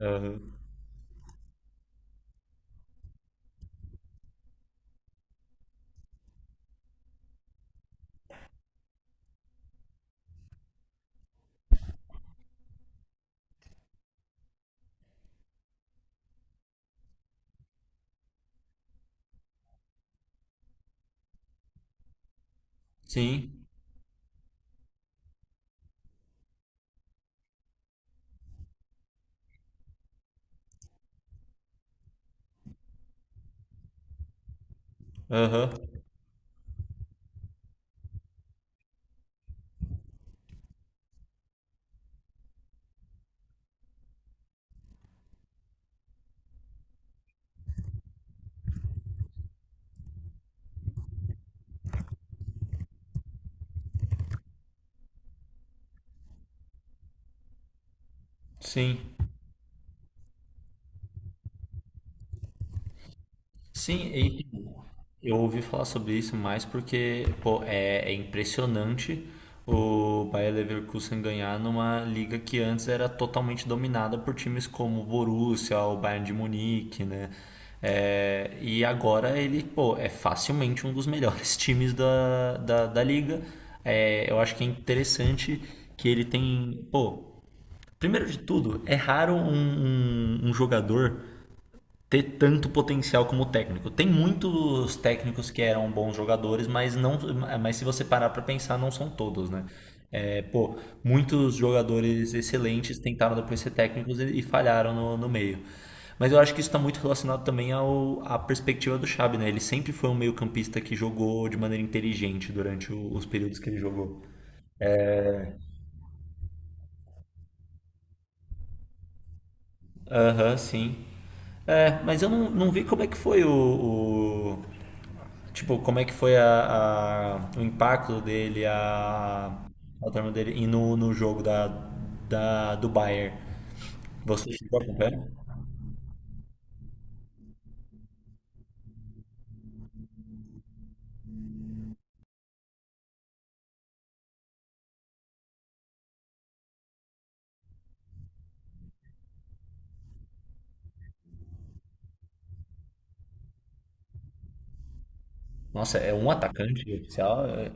Aham. Sim. Aham. Sim. Sim, e tipo, eu ouvi falar sobre isso mais porque, pô, é impressionante o Bayer Leverkusen ganhar numa liga que antes era totalmente dominada por times como o Borussia, o Bayern de Munique, né? É, e agora ele, pô, é facilmente um dos melhores times da liga. É, eu acho que é interessante que ele tem, pô, primeiro de tudo, é raro um jogador ter tanto potencial como técnico. Tem muitos técnicos que eram bons jogadores, mas não, mas se você parar para pensar, não são todos, né? É, pô, muitos jogadores excelentes tentaram depois ser técnicos e falharam no meio. Mas eu acho que isso está muito relacionado também à perspectiva do Xabi, né? Ele sempre foi um meio-campista que jogou de maneira inteligente durante os períodos que ele jogou. Aham, sim. É, mas eu não vi como é que foi tipo, como é que foi o impacto dele, a turma dele e no jogo do Bayern. Você chegou a acompanhar? Nossa, é um atacante oficial? É...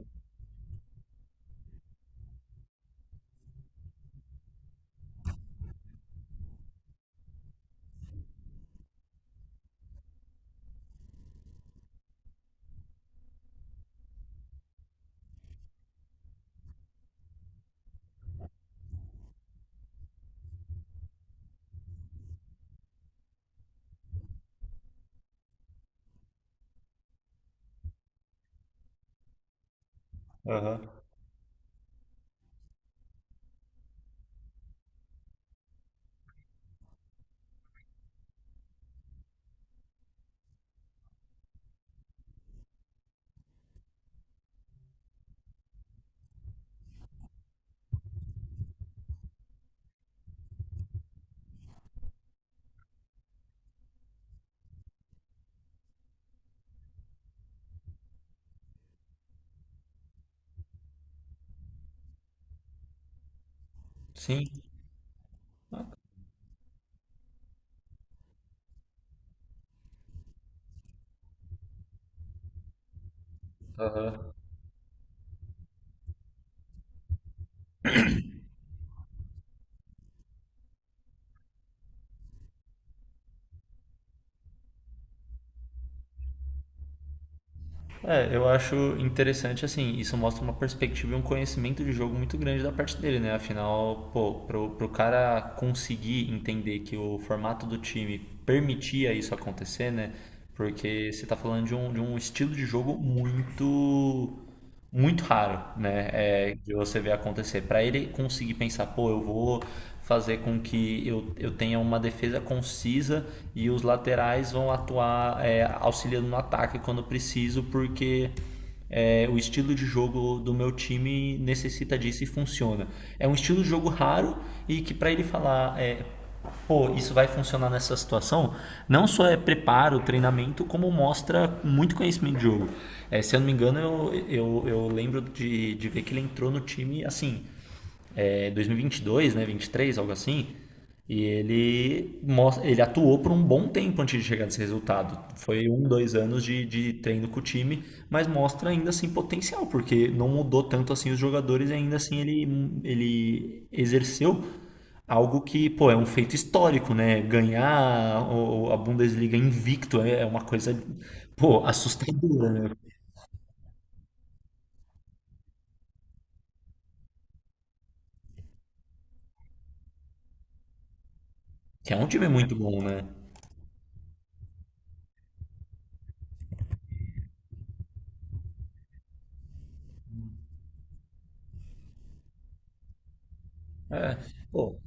Aham. Sim. É, eu acho interessante, assim, isso mostra uma perspectiva e um conhecimento de jogo muito grande da parte dele, né? Afinal, pô, pro cara conseguir entender que o formato do time permitia isso acontecer, né? Porque você tá falando de um estilo de jogo muito muito raro, né, de você ver acontecer. Para ele conseguir pensar, pô, eu vou fazer com que eu tenha uma defesa concisa e os laterais vão atuar auxiliando no ataque quando preciso, porque o estilo de jogo do meu time necessita disso e funciona. É um estilo de jogo raro e que para ele falar, pô, isso vai funcionar nessa situação, não só é preparo, treinamento, como mostra muito conhecimento de jogo. É, se eu não me engano, eu lembro de ver que ele entrou no time, assim, 2022, né, 23, algo assim. E ele mostra, ele atuou por um bom tempo antes de chegar nesse resultado. Foi um, 2 anos de treino com o time, mas mostra ainda assim potencial, porque não mudou tanto assim os jogadores e ainda assim ele exerceu algo que, pô, é um feito histórico, né? Ganhar a Bundesliga invicto é uma coisa, pô, assustadora, né? Que é um time muito bom, né? É, pô,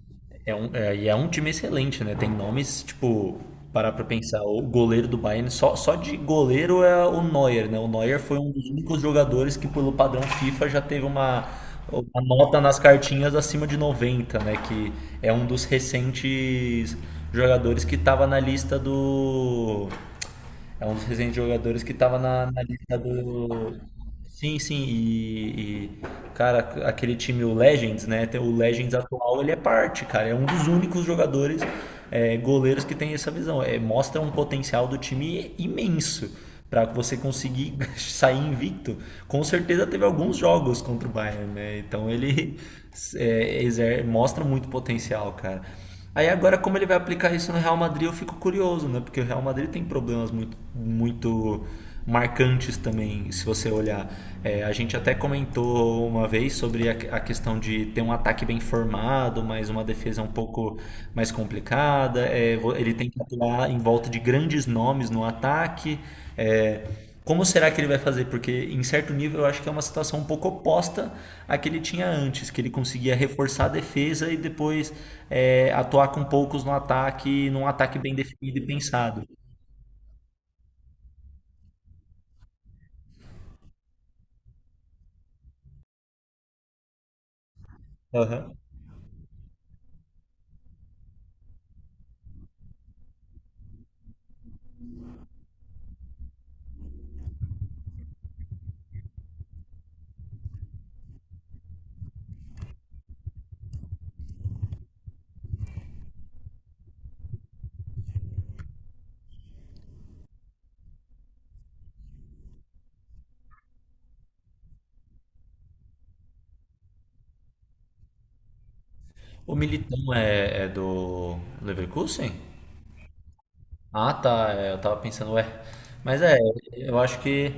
é um time excelente, né? Tem nomes, tipo, parar pra pensar, o goleiro do Bayern, só de goleiro é o Neuer, né? O Neuer foi um dos únicos jogadores que, pelo padrão FIFA, já teve uma nota nas cartinhas acima de 90 né? Que é um dos recentes jogadores que estava na lista do é um dos recentes jogadores que tava na lista do. Sim, sim, cara, aquele time, o Legends, né? O Legends atual, ele é parte, cara. É um dos únicos jogadores, goleiros que tem essa visão. É, mostra um potencial do time imenso pra você conseguir sair invicto. Com certeza teve alguns jogos contra o Bayern, né? Então ele mostra muito potencial, cara. Aí agora como ele vai aplicar isso no Real Madrid, eu fico curioso, né? Porque o Real Madrid tem problemas muito, muito marcantes também, se você olhar. É, a gente até comentou uma vez sobre a questão de ter um ataque bem formado, mas uma defesa um pouco mais complicada. É, ele tem que atuar em volta de grandes nomes no ataque. É, como será que ele vai fazer? Porque, em certo nível, eu acho que é uma situação um pouco oposta à que ele tinha antes, que ele conseguia reforçar a defesa e depois atuar com poucos no ataque, num ataque bem definido e pensado. Aham. O Militão é do Leverkusen? Ah, tá. Eu tava pensando, ué. Mas eu acho que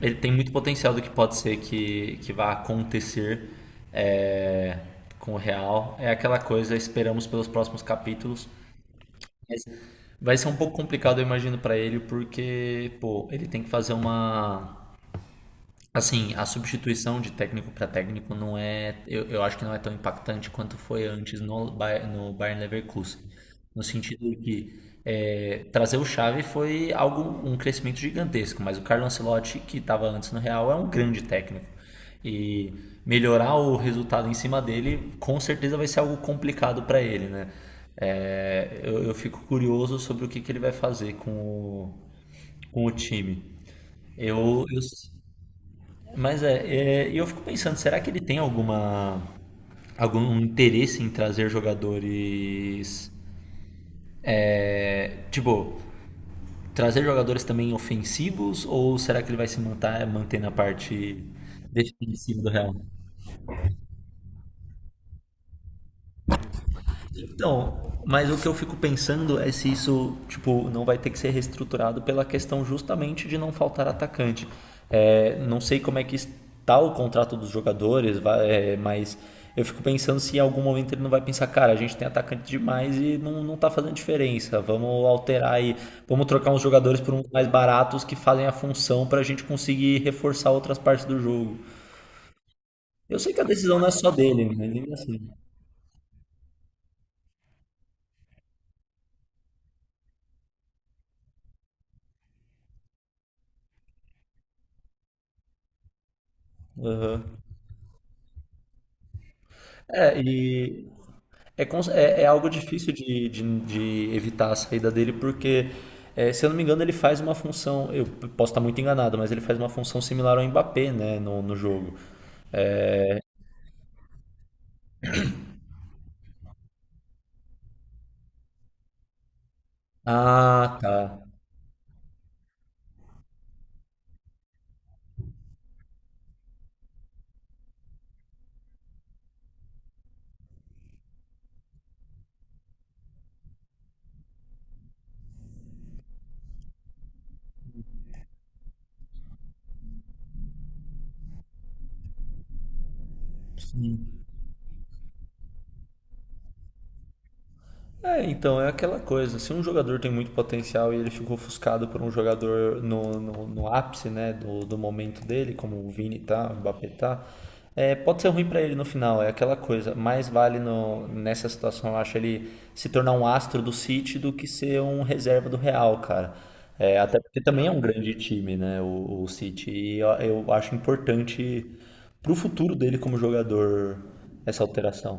ele tem muito potencial do que pode ser que vá acontecer é, com o Real. É aquela coisa, esperamos pelos próximos capítulos. Mas vai ser um pouco complicado, eu imagino, pra ele, porque, pô, ele tem que fazer uma. Assim, a substituição de técnico para técnico não é, eu acho que não é tão impactante quanto foi antes no Bayern Leverkusen, no sentido de que trazer o Xavi foi algo, um crescimento gigantesco, mas o Carlo Ancelotti, que estava antes no Real, é um grande técnico. E melhorar o resultado em cima dele, com certeza vai ser algo complicado para ele, né? É, eu fico curioso sobre o que ele vai fazer com com o time. Eu, eu, mas eu fico pensando, será que ele tem algum interesse em trazer jogadores, tipo, trazer jogadores também ofensivos ou será que ele vai se manter, manter na parte defensiva do Real? Então, mas o que eu fico pensando é se isso, tipo, não vai ter que ser reestruturado pela questão justamente de não faltar atacante. É, não sei como é que está o contrato dos jogadores, mas eu fico pensando se em algum momento ele não vai pensar, cara, a gente tem atacante demais e não tá fazendo diferença. Vamos alterar aí, vamos trocar uns jogadores por uns mais baratos que fazem a função para a gente conseguir reforçar outras partes do jogo. Eu sei que a decisão não é só dele, mas ainda assim. Aham. É, e é algo difícil de evitar a saída dele, porque, se eu não me engano, ele faz uma função. Eu posso estar muito enganado, mas ele faz uma função similar ao Mbappé, né, no jogo. Ah, tá. É, então é aquela coisa. Se um jogador tem muito potencial e ele ficou ofuscado por um jogador no ápice, né, do momento dele, como o Vini tá, o Mbappé tá, é, pode ser ruim pra ele no final. É aquela coisa. Mais vale no, nessa situação, eu acho, ele se tornar um astro do City do que ser um reserva do Real, cara. É, até porque também é um grande time, né, o City. E eu acho importante pro futuro dele como jogador essa alteração.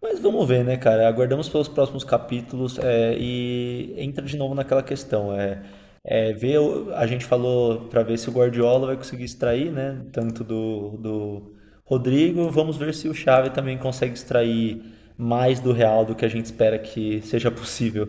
Mas vamos ver, né, cara? Aguardamos pelos próximos capítulos e entra de novo naquela questão. Ver, a gente falou para ver se o Guardiola vai conseguir extrair, né? Tanto do Rodrigo. Vamos ver se o Xavi também consegue extrair mais do Real do que a gente espera que seja possível.